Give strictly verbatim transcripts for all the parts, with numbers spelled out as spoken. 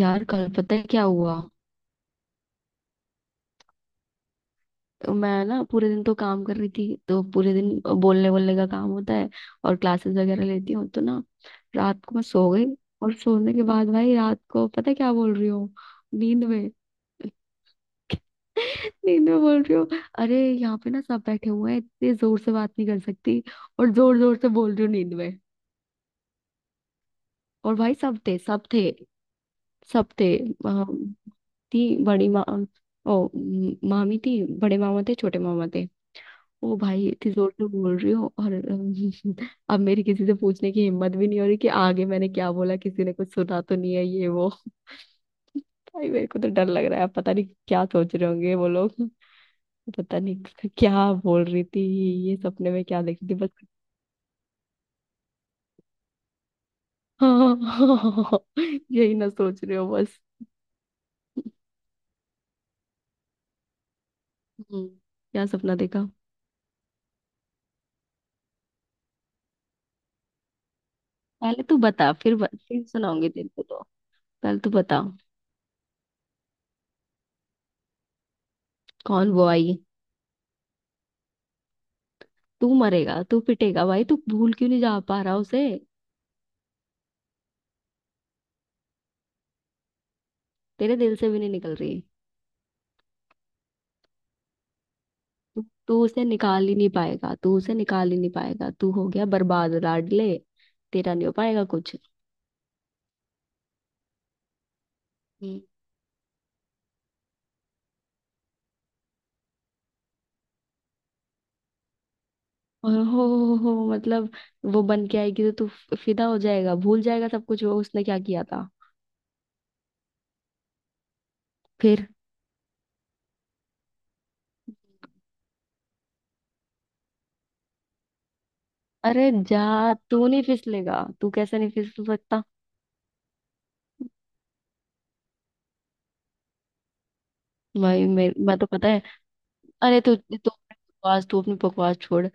यार कल पता है क्या हुआ। तो मैं ना पूरे दिन तो काम कर रही थी, तो पूरे दिन बोलने बोलने का काम होता है और क्लासेस वगैरह लेती हूँ तो ना रात को मैं सो गई। और सोने के बाद भाई रात को पता है क्या बोल रही हूँ नींद में। नींद में बोल रही हूँ। अरे यहाँ पे ना सब बैठे हुए हैं, इतने जोर से बात नहीं कर सकती और जोर जोर से बोल रही हूँ नींद में। और भाई सब थे, सब थे, सब थे अ, थी बड़ी माँ। ओ म- मामी थी, बड़े मामा थे, छोटे मामा थे। ओ भाई इतनी जोर से बोल रही हो और अम, अब मेरी किसी से पूछने की हिम्मत भी नहीं हो रही कि आगे मैंने क्या बोला, किसी ने कुछ सुना तो नहीं है ये वो। भाई मेरे को तो डर लग रहा है, पता नहीं क्या सोच रहे होंगे वो लोग। पता नहीं क्या बोल रही थी। ये सपने में क्या देख रही थी बस। हाँ हाँ। यही ना सोच रहे हो बस। हम्म। क्या सपना देखा? पहले तू बता, फिर ब- फिर सुनाऊंगी तेरे को तो। पहले तू बता। कौन वो आई? तू मरेगा, तू पिटेगा भाई, तू भूल क्यों नहीं जा पा रहा उसे। तेरे दिल से भी नहीं निकल रही। तू तू उसे निकाल ही नहीं पाएगा, तू उसे निकाल ही नहीं पाएगा, तू हो गया बर्बाद लाडले। तेरा नहीं हो पाएगा कुछ। हम्म। और हो हो हो मतलब वो बन के आएगी तो तू फ- फिदा हो जाएगा, भूल जाएगा सब कुछ वो उसने क्या किया था। फिर? अरे जा, तू नहीं फिसलेगा? तू कैसे नहीं फिसल सकता। भाई मैं मैं तो पता है। अरे तू तो बकवास, तू अपनी बकवास छोड़।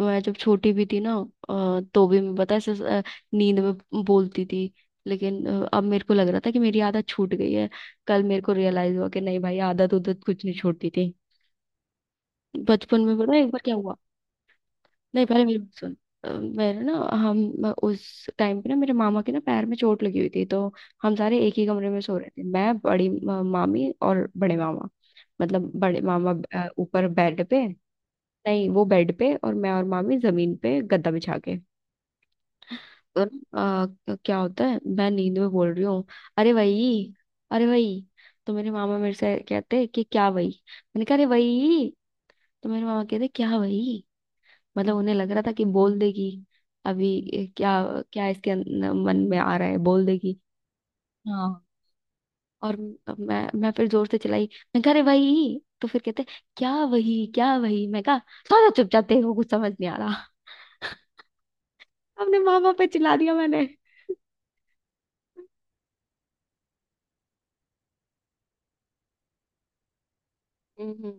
मैं जब छोटी भी थी ना अ, तो भी मैं पता है ऐसे अ, नींद में बोलती थी। लेकिन अ, अब मेरे को लग रहा था कि मेरी आदत छूट गई है। कल मेरे को रियलाइज हुआ कि नहीं भाई आदत उदत कुछ नहीं छोड़ती थी। बचपन में पता है एक बार क्या हुआ। नहीं पहले मेरी बात सुन। अ, मेरे ना हम मैं उस टाइम पे ना मेरे मामा के ना पैर में चोट लगी हुई थी, तो हम सारे एक ही कमरे में सो रहे थे, मैं बड़ी म- मामी और बड़े मामा। मतलब बड़े मामा अ, ऊपर बेड पे। नहीं वो बेड पे और मैं और मामी जमीन पे गद्दा बिछा के। तो ना, अ, क्या होता है मैं नींद में बोल रही हूँ। अरे वही। अरे वही। तो मेरे मामा मेरे से कहते कि क्या वही। मैंने कहा अरे वही। तो मेरे मामा कहते क्या वही। मतलब उन्हें लग रहा था कि बोल देगी अभी। ये क्या। क्या इसके अंदर- मन में आ रहा है बोल देगी। हाँ। और म- मैं मैं फिर जोर से चिल्लाई। मैं कह रही वही, तो फिर कहते क्या वही क्या वही, मैं कहा। सारा चुपचाप देखो, कुछ समझ नहीं आ रहा। अपने माँ बाप पे चिल्ला दिया मैंने। हम्म।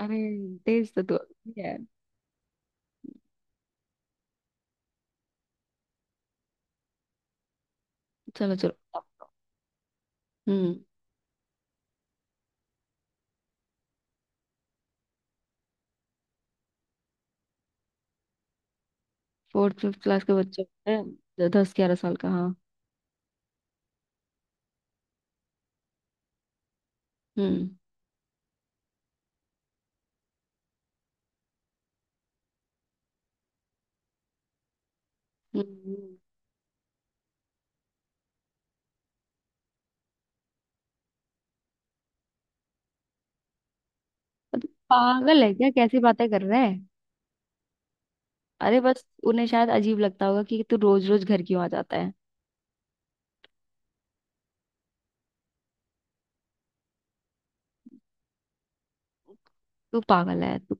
अरे तेज तो तू अभी है। चलो चलो अब तो। हम्म। फोर्थ फिफ्थ क्लास के बच्चे होते हैं, द- दस ग्यारह साल का, हाँ। हम्म। हम्म, हम्म। तो पागल है क्या, कैसी बातें कर रहे हैं। अरे बस उन्हें शायद अजीब लगता होगा कि तू रोज रोज घर क्यों आ जाता है। तू पागल है तू।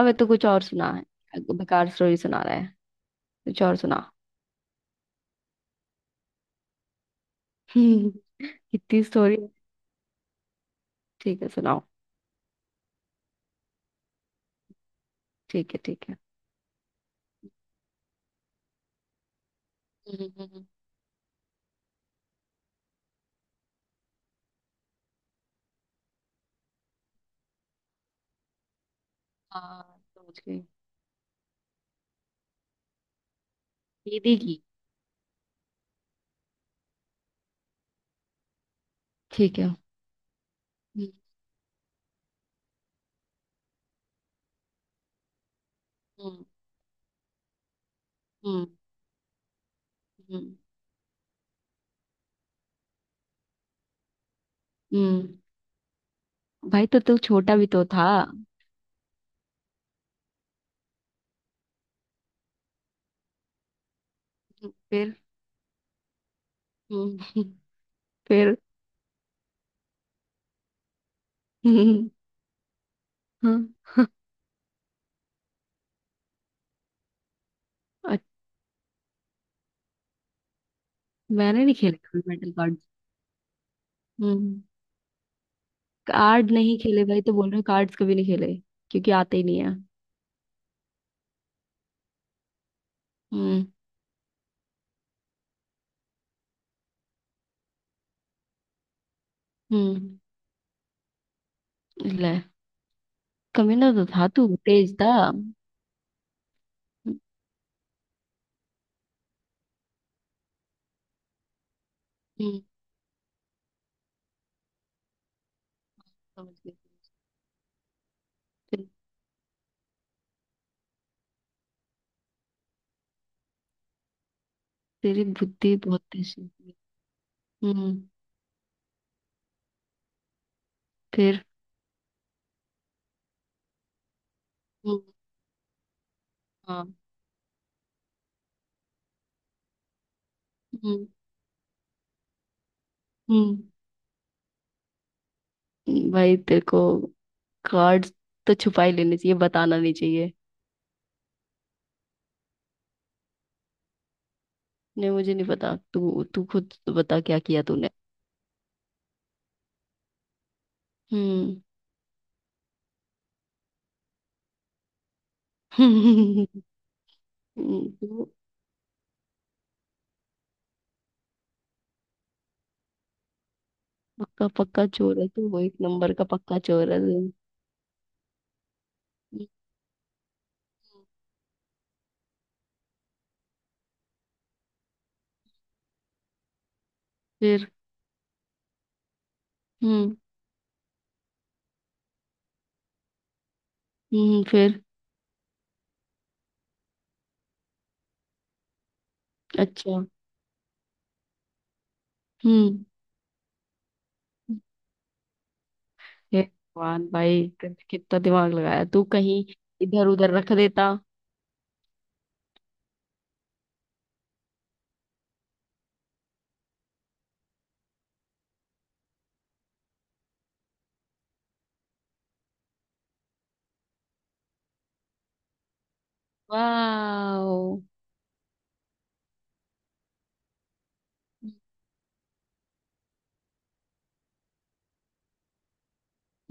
अबे तो कुछ और सुना है, बेकार स्टोरी सुना रहा है। कुछ और सुना। कितनी स्टोरी। ठीक है सुनाओ। ठीक है ठीक है। हम्म, हम्म, हम्म। हाँ समझ गई। दीदी की? ठीक है। हम्म। हम्म। हम्म। हम्म, हम्म। भाई तो तू छोटा भी तो था, हम्म। फिर? हम्म। फिर? हम्म, हाँ, अ- मैंने नहीं खेला कभी मेटल कार्ड। कार्ड नहीं खेले भाई तो बोल रहे कार्ड्स कभी नहीं खेले। क्योंकि आते ही नहीं है। हम्म। हम्म। ले, कमीना तो था तू, तेज था। हम्म, समझ गई। ते- तेरी बुद्धि बहुत तेज है। हम्म। फिर? हम्म। हाँ। हम्म। हम्म। भाई तेरे को कार्ड्स तो छुपा ही लेने चाहिए, बताना नहीं चाहिए। नहीं मुझे नहीं पता, तू तू खुद तो बता क्या किया तूने। हम्म। हम्म, तू पक्का पक्का चोर है तू, वो एक नंबर का पक्का चोर है तू। फिर? हम्म। हम्म। फिर? अच्छा। हम्म। हे भगवान भाई कि- कितना दिमाग लगाया तू, कहीं इधर उधर रख देता। वाओ।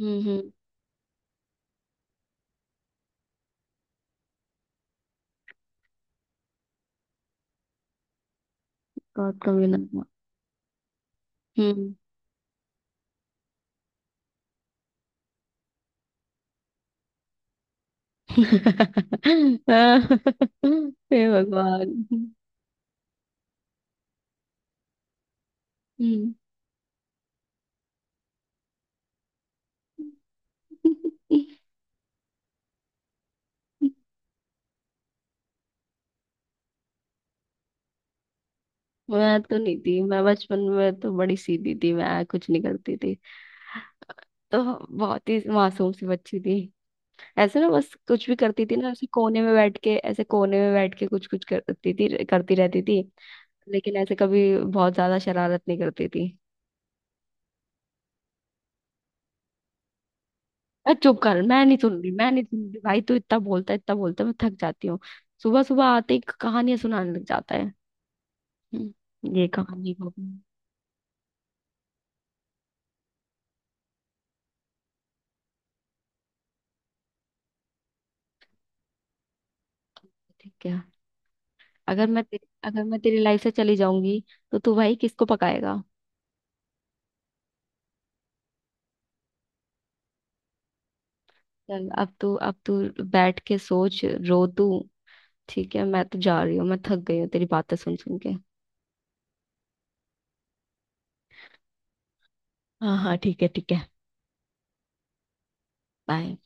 हम्म। हम्म। गॉड का विनर था। हम्म। हे भगवान। हम्म। मैं तो नहीं थी, मैं बचपन में तो बड़ी सीधी थी, मैं कुछ नहीं करती थी तो। बहुत ही मासूम सी बच्ची थी। ऐसे ना बस कुछ भी करती थी ना, ऐसे कोने में बैठ के ऐसे कोने में बैठ के कुछ कुछ करती थी करती रहती थी। लेकिन ऐसे कभी बहुत ज्यादा शरारत नहीं करती थी। अरे चुप कर, मैं नहीं सुन रही, मैं नहीं सुन रही भाई, तू इतना बोलता है इतना बोलता है, मैं थक जाती हूँ। सुबह सुबह आते ही कहानियां सुनाने लग जाता है। हम्म, ये कहानी वो कहानी। ठीक क्या। अगर मैं तेरी अगर मैं तेरी लाइफ से चली जाऊंगी, तो तू भाई किसको पकाएगा। चल अब तू अब तू बैठ के सोच। रो तू। ठीक है मैं तो जा रही हूँ, मैं थक गई हूँ तेरी बातें सुन सुन के। हाँ हाँ ठीक है ठीक है। बाय।